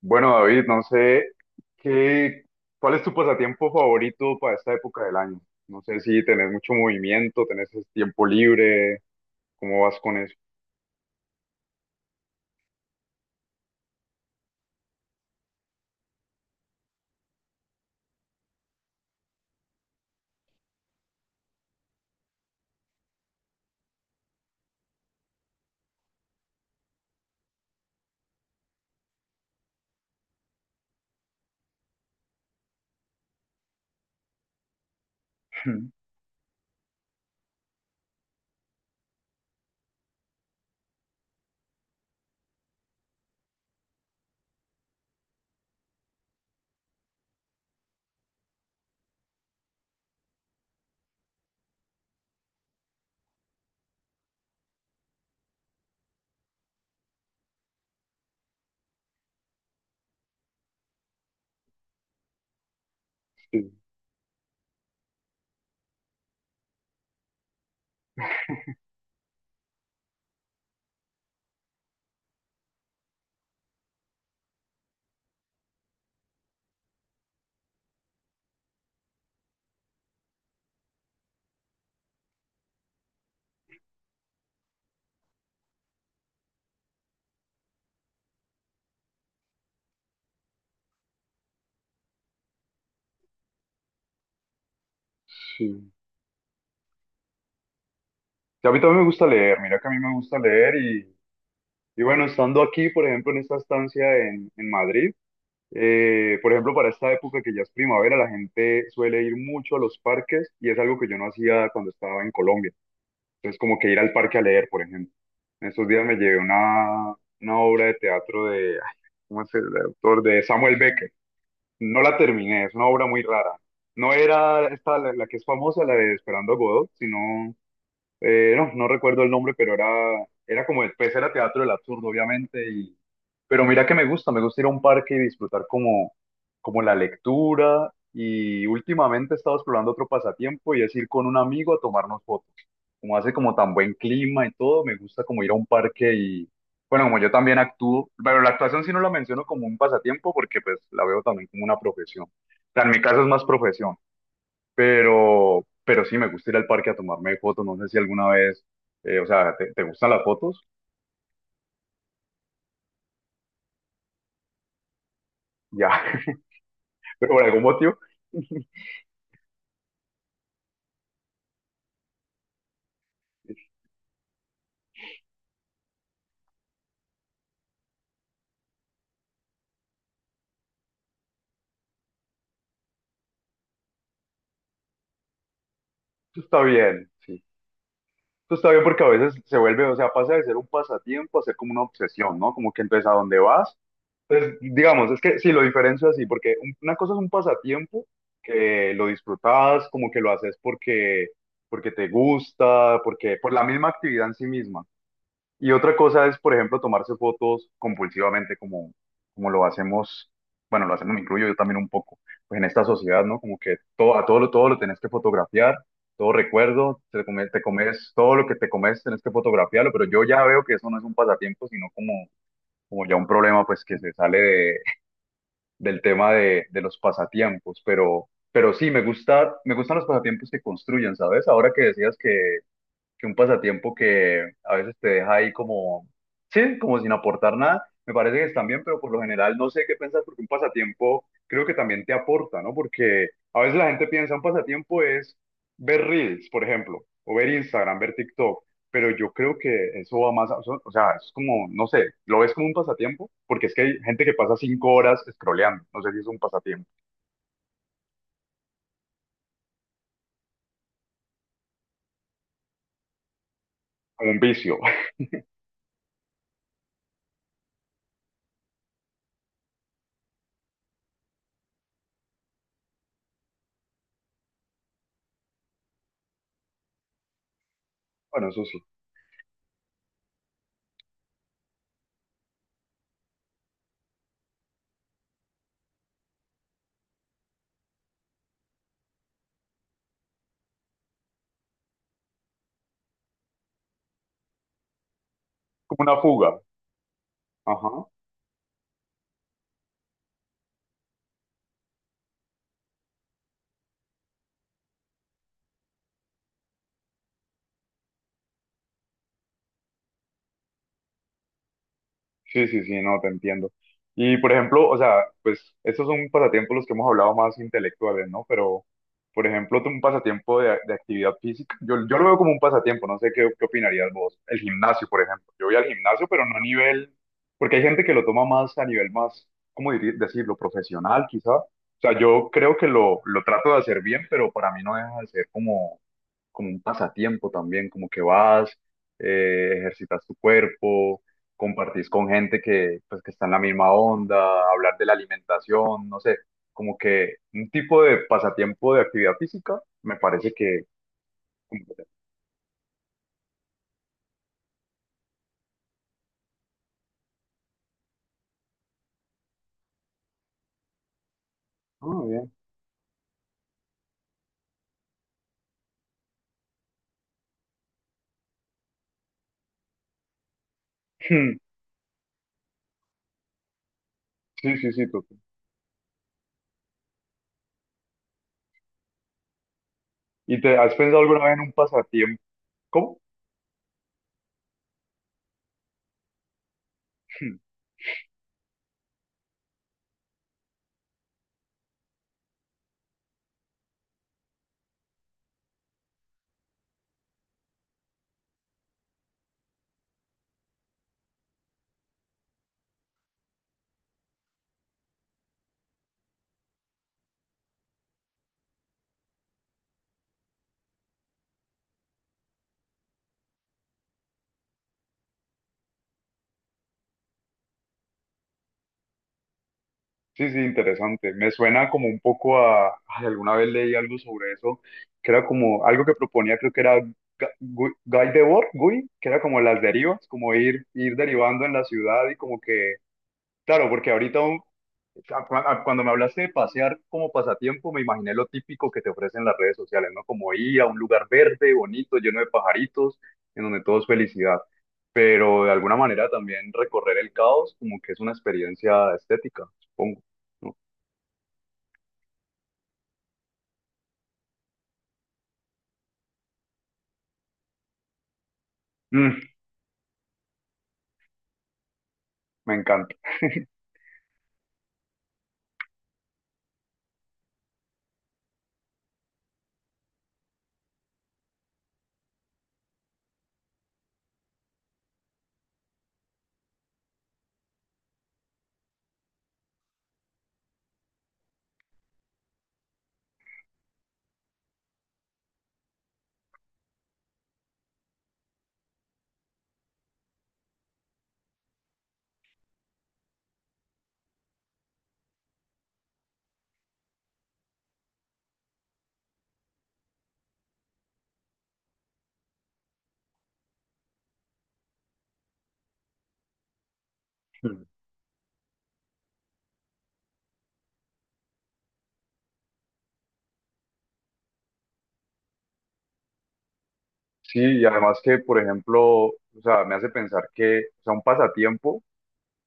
Bueno, David, no sé qué, ¿cuál es tu pasatiempo favorito para esta época del año? No sé si tenés mucho movimiento, tenés tiempo libre, ¿cómo vas con eso? Sí, sí. Sí, a mí también me gusta leer, mira que a mí me gusta leer, y bueno, estando aquí, por ejemplo, en esta estancia en Madrid, por ejemplo, para esta época que ya es primavera, la gente suele ir mucho a los parques y es algo que yo no hacía cuando estaba en Colombia. Entonces, como que ir al parque a leer, por ejemplo. En estos días me llevé una obra de teatro de, ay, ¿cómo es el autor? De Samuel Beckett. No la terminé, es una obra muy rara. No era esta la que es famosa, la de Esperando a Godot, sino no, no recuerdo el nombre, era como, pues era teatro del absurdo, obviamente, pero mira que me gusta ir a un parque y disfrutar como la lectura, y últimamente he estado explorando otro pasatiempo y es ir con un amigo a tomarnos fotos. Como hace como tan buen clima y todo, me gusta como ir a un parque bueno, como yo también actúo, pero la actuación sí no la menciono como un pasatiempo porque pues la veo también como una profesión. O sea, en mi caso es más profesión, pero sí, me gusta ir al parque a tomarme fotos. No sé si alguna vez, o sea, ¿te, te gustan las fotos? Ya, pero por algún motivo, esto está bien, sí. Esto está bien porque a veces se vuelve, o sea, pasa de ser un pasatiempo a ser como una obsesión, ¿no? Como que entonces a dónde vas. Entonces, digamos, es que sí, lo diferencio así, porque una cosa es un pasatiempo que lo disfrutas, como que lo haces porque, porque te gusta, porque por la misma actividad en sí misma. Y otra cosa es, por ejemplo, tomarse fotos compulsivamente como, como lo hacemos, bueno, lo hacemos, me incluyo yo también un poco, pues en esta sociedad, ¿no? Como que todo, a todo, todo lo tenés que fotografiar, todo recuerdo, te comes, todo lo que te comes tenés que fotografiarlo, pero yo ya veo que eso no es un pasatiempo, sino como, como ya un problema, pues que se sale del tema de los pasatiempos, pero sí, me gusta, me gustan los pasatiempos que construyen, ¿sabes? Ahora que decías que un pasatiempo que a veces te deja ahí como, sí, como sin aportar nada, me parece que están bien, pero por lo general no sé qué piensas porque un pasatiempo creo que también te aporta, ¿no? Porque a veces la gente piensa un pasatiempo es ver Reels, por ejemplo, o ver Instagram, ver TikTok, pero yo creo que eso va más, o sea, es como, no sé, lo ves como un pasatiempo, porque es que hay gente que pasa cinco horas scrolleando, no sé si es un pasatiempo, como un vicio, bueno, eso sí, como una fuga, ajá. Sí, sí, sí, no, te entiendo. Y por ejemplo, o sea, pues estos son pasatiempos los que hemos hablado más intelectuales, ¿no? Pero, por ejemplo, tú un pasatiempo de actividad física, yo lo veo como un pasatiempo, no sé qué, qué opinarías vos. El gimnasio, por ejemplo. Yo voy al gimnasio, pero no a nivel, porque hay gente que lo toma más a nivel más, ¿cómo decirlo? Profesional, quizá. O sea, yo creo que lo trato de hacer bien, pero para mí no deja de ser como un pasatiempo también, como que vas, ejercitas tu cuerpo, compartís con gente que, pues, que está en la misma onda, hablar de la alimentación, no sé, como que un tipo de pasatiempo de actividad física, me parece que... como que- Ah, bien. Sí, sí, sí, tú. ¿Y te has pensado alguna vez en un pasatiempo? ¿Cómo? Sí, sí, interesante. Me suena como un poco a, ay, alguna vez leí algo sobre eso, que era como algo que proponía, creo que era Guy Debord, Guy, que era como las derivas, como ir derivando en la ciudad y como que, claro, porque ahorita cuando me hablaste de pasear como pasatiempo, me imaginé lo típico que te ofrecen las redes sociales, ¿no? Como ir a un lugar verde, bonito, lleno de pajaritos, en donde todo es felicidad. Pero de alguna manera también recorrer el caos como que es una experiencia estética, supongo. Mm, me encanta. Mm. Sí, y además que, por ejemplo, o sea, me hace pensar que, o sea, un pasatiempo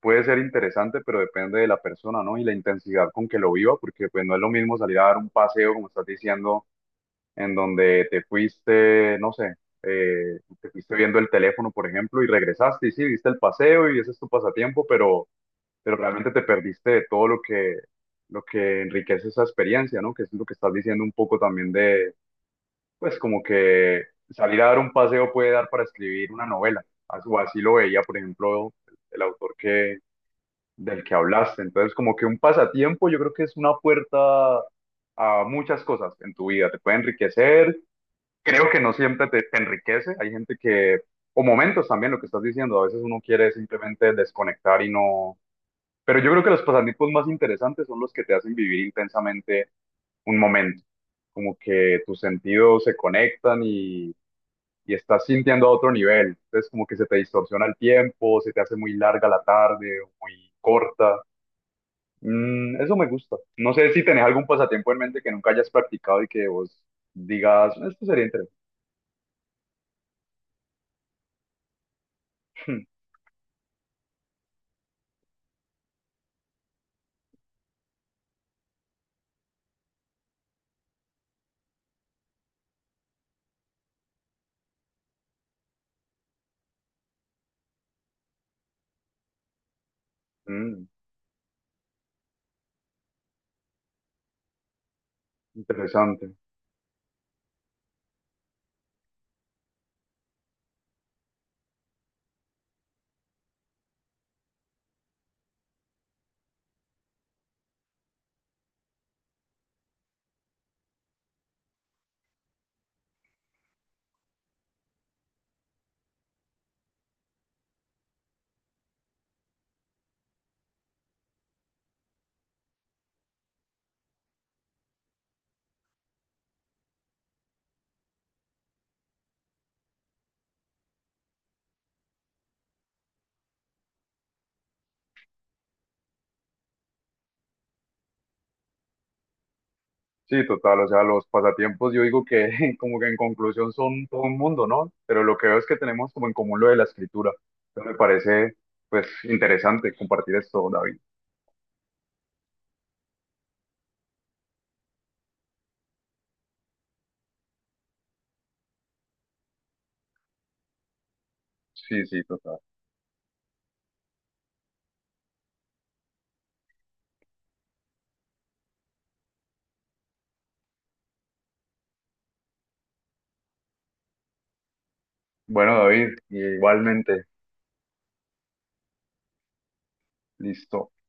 puede ser interesante, pero depende de la persona, ¿no? Y la intensidad con que lo viva, porque pues no es lo mismo salir a dar un paseo, como estás diciendo, en donde te fuiste, no sé, te fuiste viendo el teléfono, por ejemplo, y regresaste y sí, viste el paseo y ese es tu pasatiempo, pero realmente te perdiste de todo lo que enriquece esa experiencia, ¿no? Que es lo que estás diciendo un poco también, pues como que salir a dar un paseo puede dar para escribir una novela. Así lo veía, por ejemplo, el autor que, del que hablaste. Entonces, como que un pasatiempo yo creo que es una puerta a muchas cosas en tu vida. Te puede enriquecer. Creo que no siempre te enriquece. Hay gente que, o momentos también, lo que estás diciendo, a veces uno quiere simplemente desconectar y no... Pero yo creo que los pasatiempos más interesantes son los que te hacen vivir intensamente un momento, como que tus sentidos se conectan y estás sintiendo a otro nivel. Entonces como que se te distorsiona el tiempo, se te hace muy larga la tarde o muy corta. Mm, eso me gusta. No sé si tenés algún pasatiempo en mente que nunca hayas practicado y que vos digas, esto sería interesante. Interesante. Sí, total, o sea, los pasatiempos yo digo que como que en conclusión son todo un mundo, ¿no? Pero lo que veo es que tenemos como en común lo de la escritura. Entonces me parece pues interesante compartir esto, David. Sí, sí, total. Bueno, David, igualmente, listo.